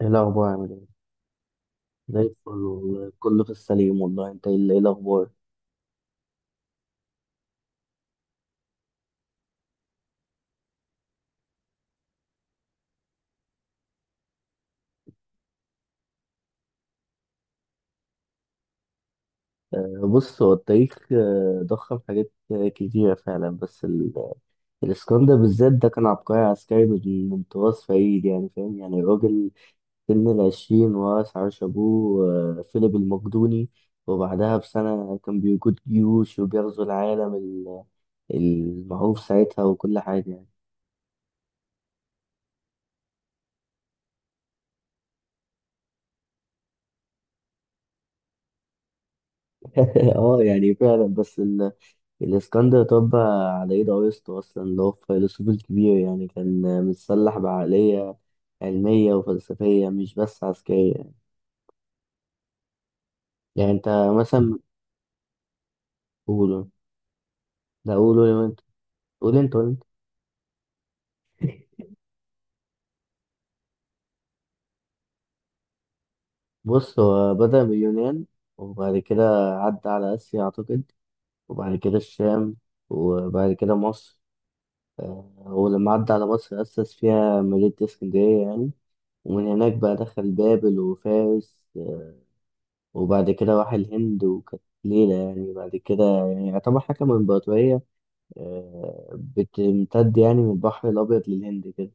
ايه الاخبار، عامل ايه؟ زي الفل والله، كله في السليم. والله انت، ايه الاخبار؟ بص هو التاريخ ضخم حاجات كتيره فعلا، بس الاسكندر بالذات ده كان عبقري عسكري من طراز فريد، يعني فاهم، يعني الراجل سن العشرين ورث عرش ابوه، فيليب المقدوني. وبعدها بسنه كان بيقود جيوش وبيغزو العالم المعروف ساعتها، وكل حاجه يعني. اه يعني فعلا، بس الاسكندر طب على ايد ارسطو اصلا، اللي هو الفيلسوف الكبير، يعني كان متسلح بعقلية علمية وفلسفية، مش بس عسكرية. يعني انت مثلا، قوله. لا قوله انت. قول انت قول انت. بص، هو بدأ من اليونان. وبعد كده عدى على آسيا أعتقد. وبعد كده الشام. وبعد كده مصر. ولما عدى على مصر أسس فيها مدينة اسكندرية يعني. ومن هناك بقى دخل بابل وفارس. وبعد كده راح الهند وكانت ليلة يعني. بعد كده يعني يعتبر حكم إمبراطورية بتمتد يعني من البحر الأبيض للهند كده.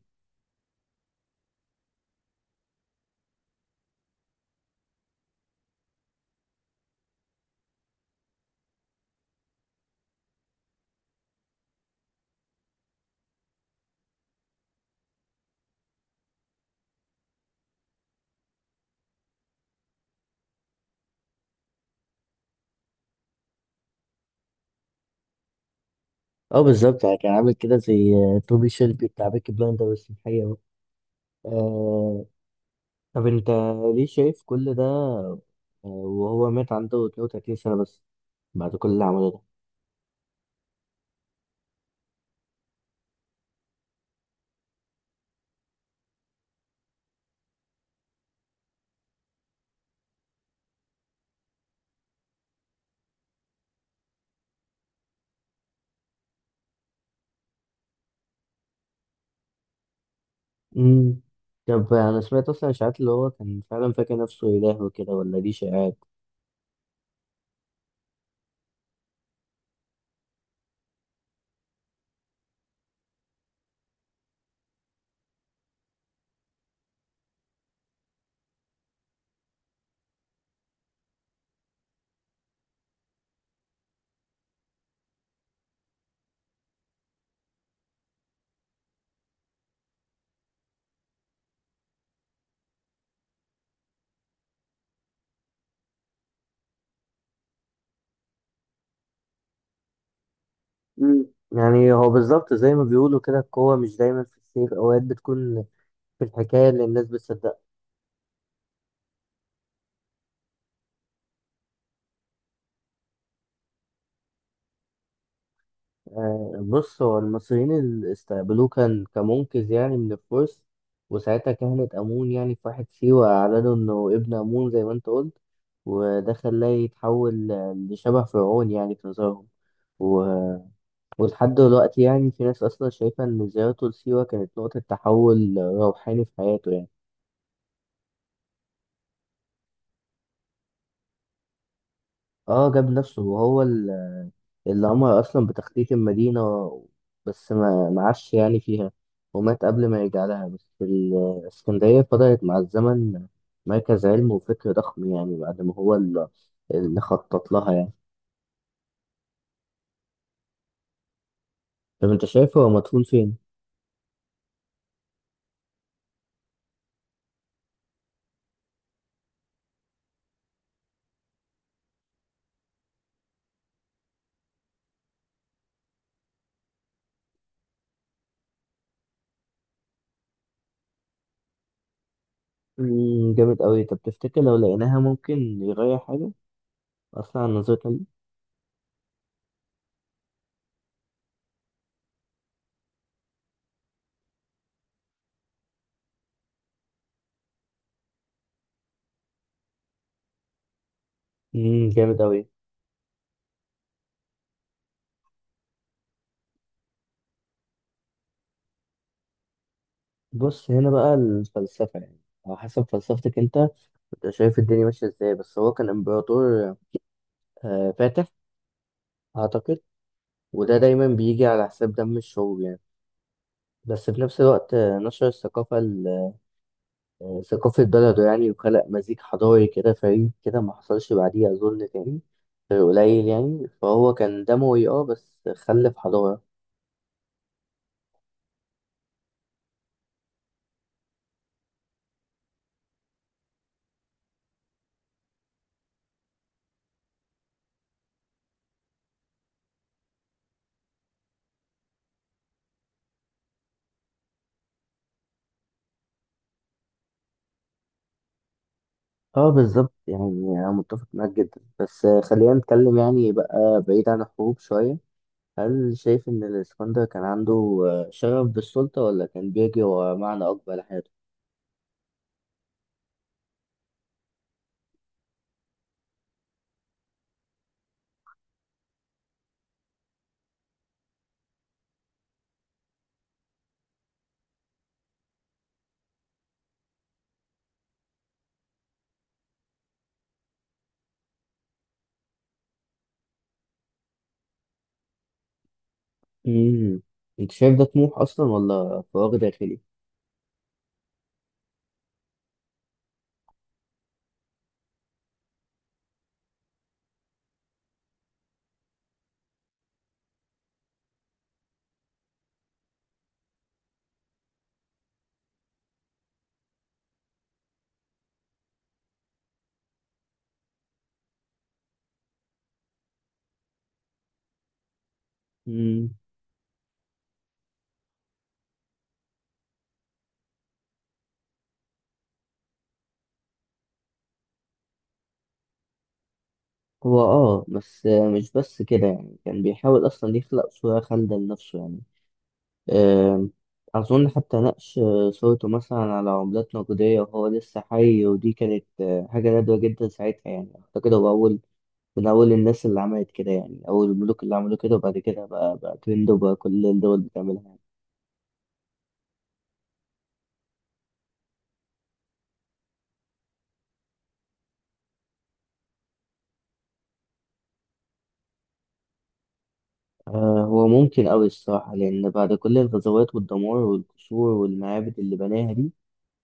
اه بالظبط يعني، كان عامل كده زي توبي شيلبي بتاع بيكي بلاندر، بس في الحقيقة بقى. آه طب أنت ليه شايف كل ده وهو مات عنده 32 سنة بس بعد كل اللي عمله ده؟ مم. طب أنا سمعت أصلا إشاعات اللي هو كان فعلا فاكر نفسه إله وكده، ولا دي شائعات؟ مم. يعني هو بالظبط زي ما بيقولوا كده، القوة مش دايما في السيف، أوقات بتكون في الحكاية اللي الناس بتصدقها. بص، هو المصريين اللي استقبلوه كان كمنقذ يعني من الفرس. وساعتها كهنة أمون يعني في واحد سيوة أعلنوا إنه ابن أمون زي ما أنت قلت. وده خلاه يتحول لشبه فرعون يعني في نظرهم. و... ولحد دلوقتي يعني في ناس أصلا شايفة إن زيارته لسيوة كانت نقطة تحول روحاني في حياته يعني. اه، جاب نفسه وهو اللي قامها أصلا بتخطيط المدينة، بس ما معاش يعني فيها، ومات قبل ما يرجع لها. بس الإسكندرية فضلت مع الزمن مركز علم وفكر ضخم يعني، بعد ما هو اللي خطط لها يعني. طب أنت شايف هو مدفون فين؟ مم، جامد أوي. طب تفتكر لو لقيناها ممكن يغير حاجة أصلا عن نظرتنا ليه؟ مم، جامد أوي. بص، هنا بقى الفلسفة يعني. على حسب فلسفتك أنت، أنت شايف الدنيا ماشية إزاي. بس هو كان إمبراطور، فاتح أعتقد، وده دايما بيجي على حساب دم الشعوب يعني. بس في نفس الوقت نشر الثقافة ثقافة بلده يعني، وخلق مزيج حضاري كده فريد، كده ما حصلش بعديه أظن تاني قليل يعني. فهو كان دموي بس خلف حضارة. اه بالظبط يعني، أنا متفق معاك جدا، بس خلينا نتكلم يعني بقى بعيد عن الحروب شوية. هل شايف إن الإسكندر كان عنده شغف بالسلطة، ولا كان بيجري ورا معنى أكبر لحياته؟ مم. أنت شايف ده طموح أصلا ولا فراغ داخلي؟ مم. هو بس مش بس كده يعني، كان بيحاول اصلا يخلق صورة خالدة لنفسه يعني. آم، اظن حتى نقش صورته مثلا على عملات نقدية وهو لسه حي، ودي كانت حاجة نادرة جدا ساعتها يعني. اعتقد هو من اول الناس اللي عملت كده، يعني اول الملوك اللي عملوا كده. وبعد كده بقى ترند، وبقى كل الدول بتعملها يعني. هو ممكن أوي الصراحة، لأن بعد كل الغزوات والدمار والقصور والمعابد اللي بناها دي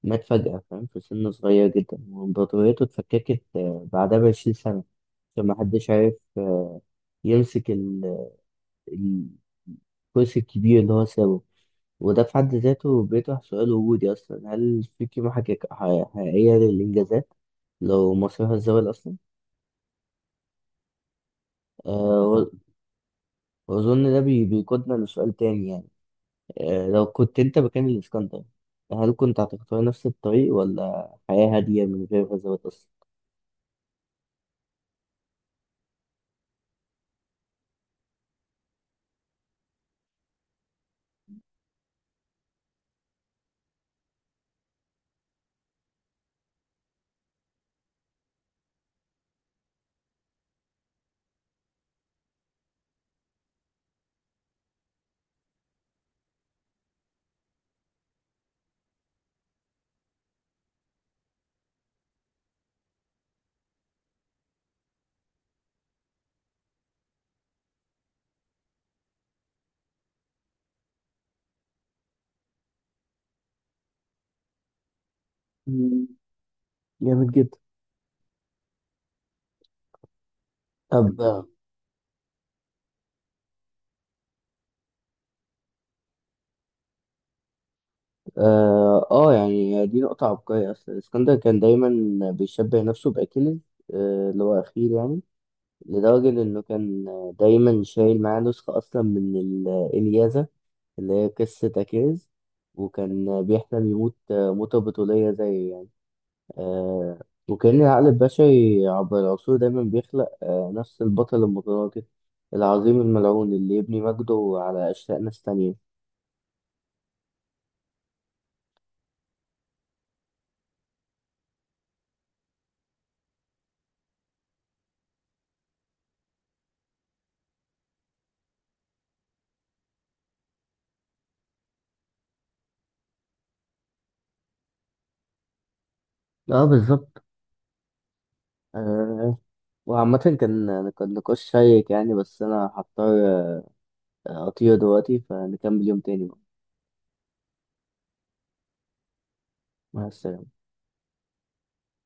مات فجأة فاهم، في سن صغير جدا، وإمبراطوريته اتفككت بعدها بـ20 سنة، عشان محدش عارف يمسك ال- الكرسي الكبير اللي هو سابه. وده في حد ذاته بيطرح سؤال وجودي أصلا، هل في قيمة حقيقية للإنجازات لو مصيرها الزوال أصلا؟ أه، وأظن ده بيقودنا لسؤال تاني يعني. لو كنت أنت مكان الإسكندر، هل كنت هتختار نفس الطريق ولا حياة هادية من غير غزوات أصلا؟ مم، جامد جدا. طب، يعني دي نقطة عبقرية أصلا. اسكندر كان دايما بيشبه نفسه بأكيليز، اللي هو أخيل يعني، لدرجة إنه كان دايما شايل معاه نسخة أصلا من الإلياذة اللي هي قصة أكيليز. وكان بيحلم يموت موتة بطولية، زي يعني. آه، وكأن العقل البشري عبر العصور دايما بيخلق نفس البطل المتناقض العظيم الملعون، اللي يبني مجده على أشلاء ناس تانية. اه بالظبط. آه، وعامة كان نقاش شيق يعني، بس أنا هضطر أطير دلوقتي، فنكمل يوم تاني بقى. مع السلامة.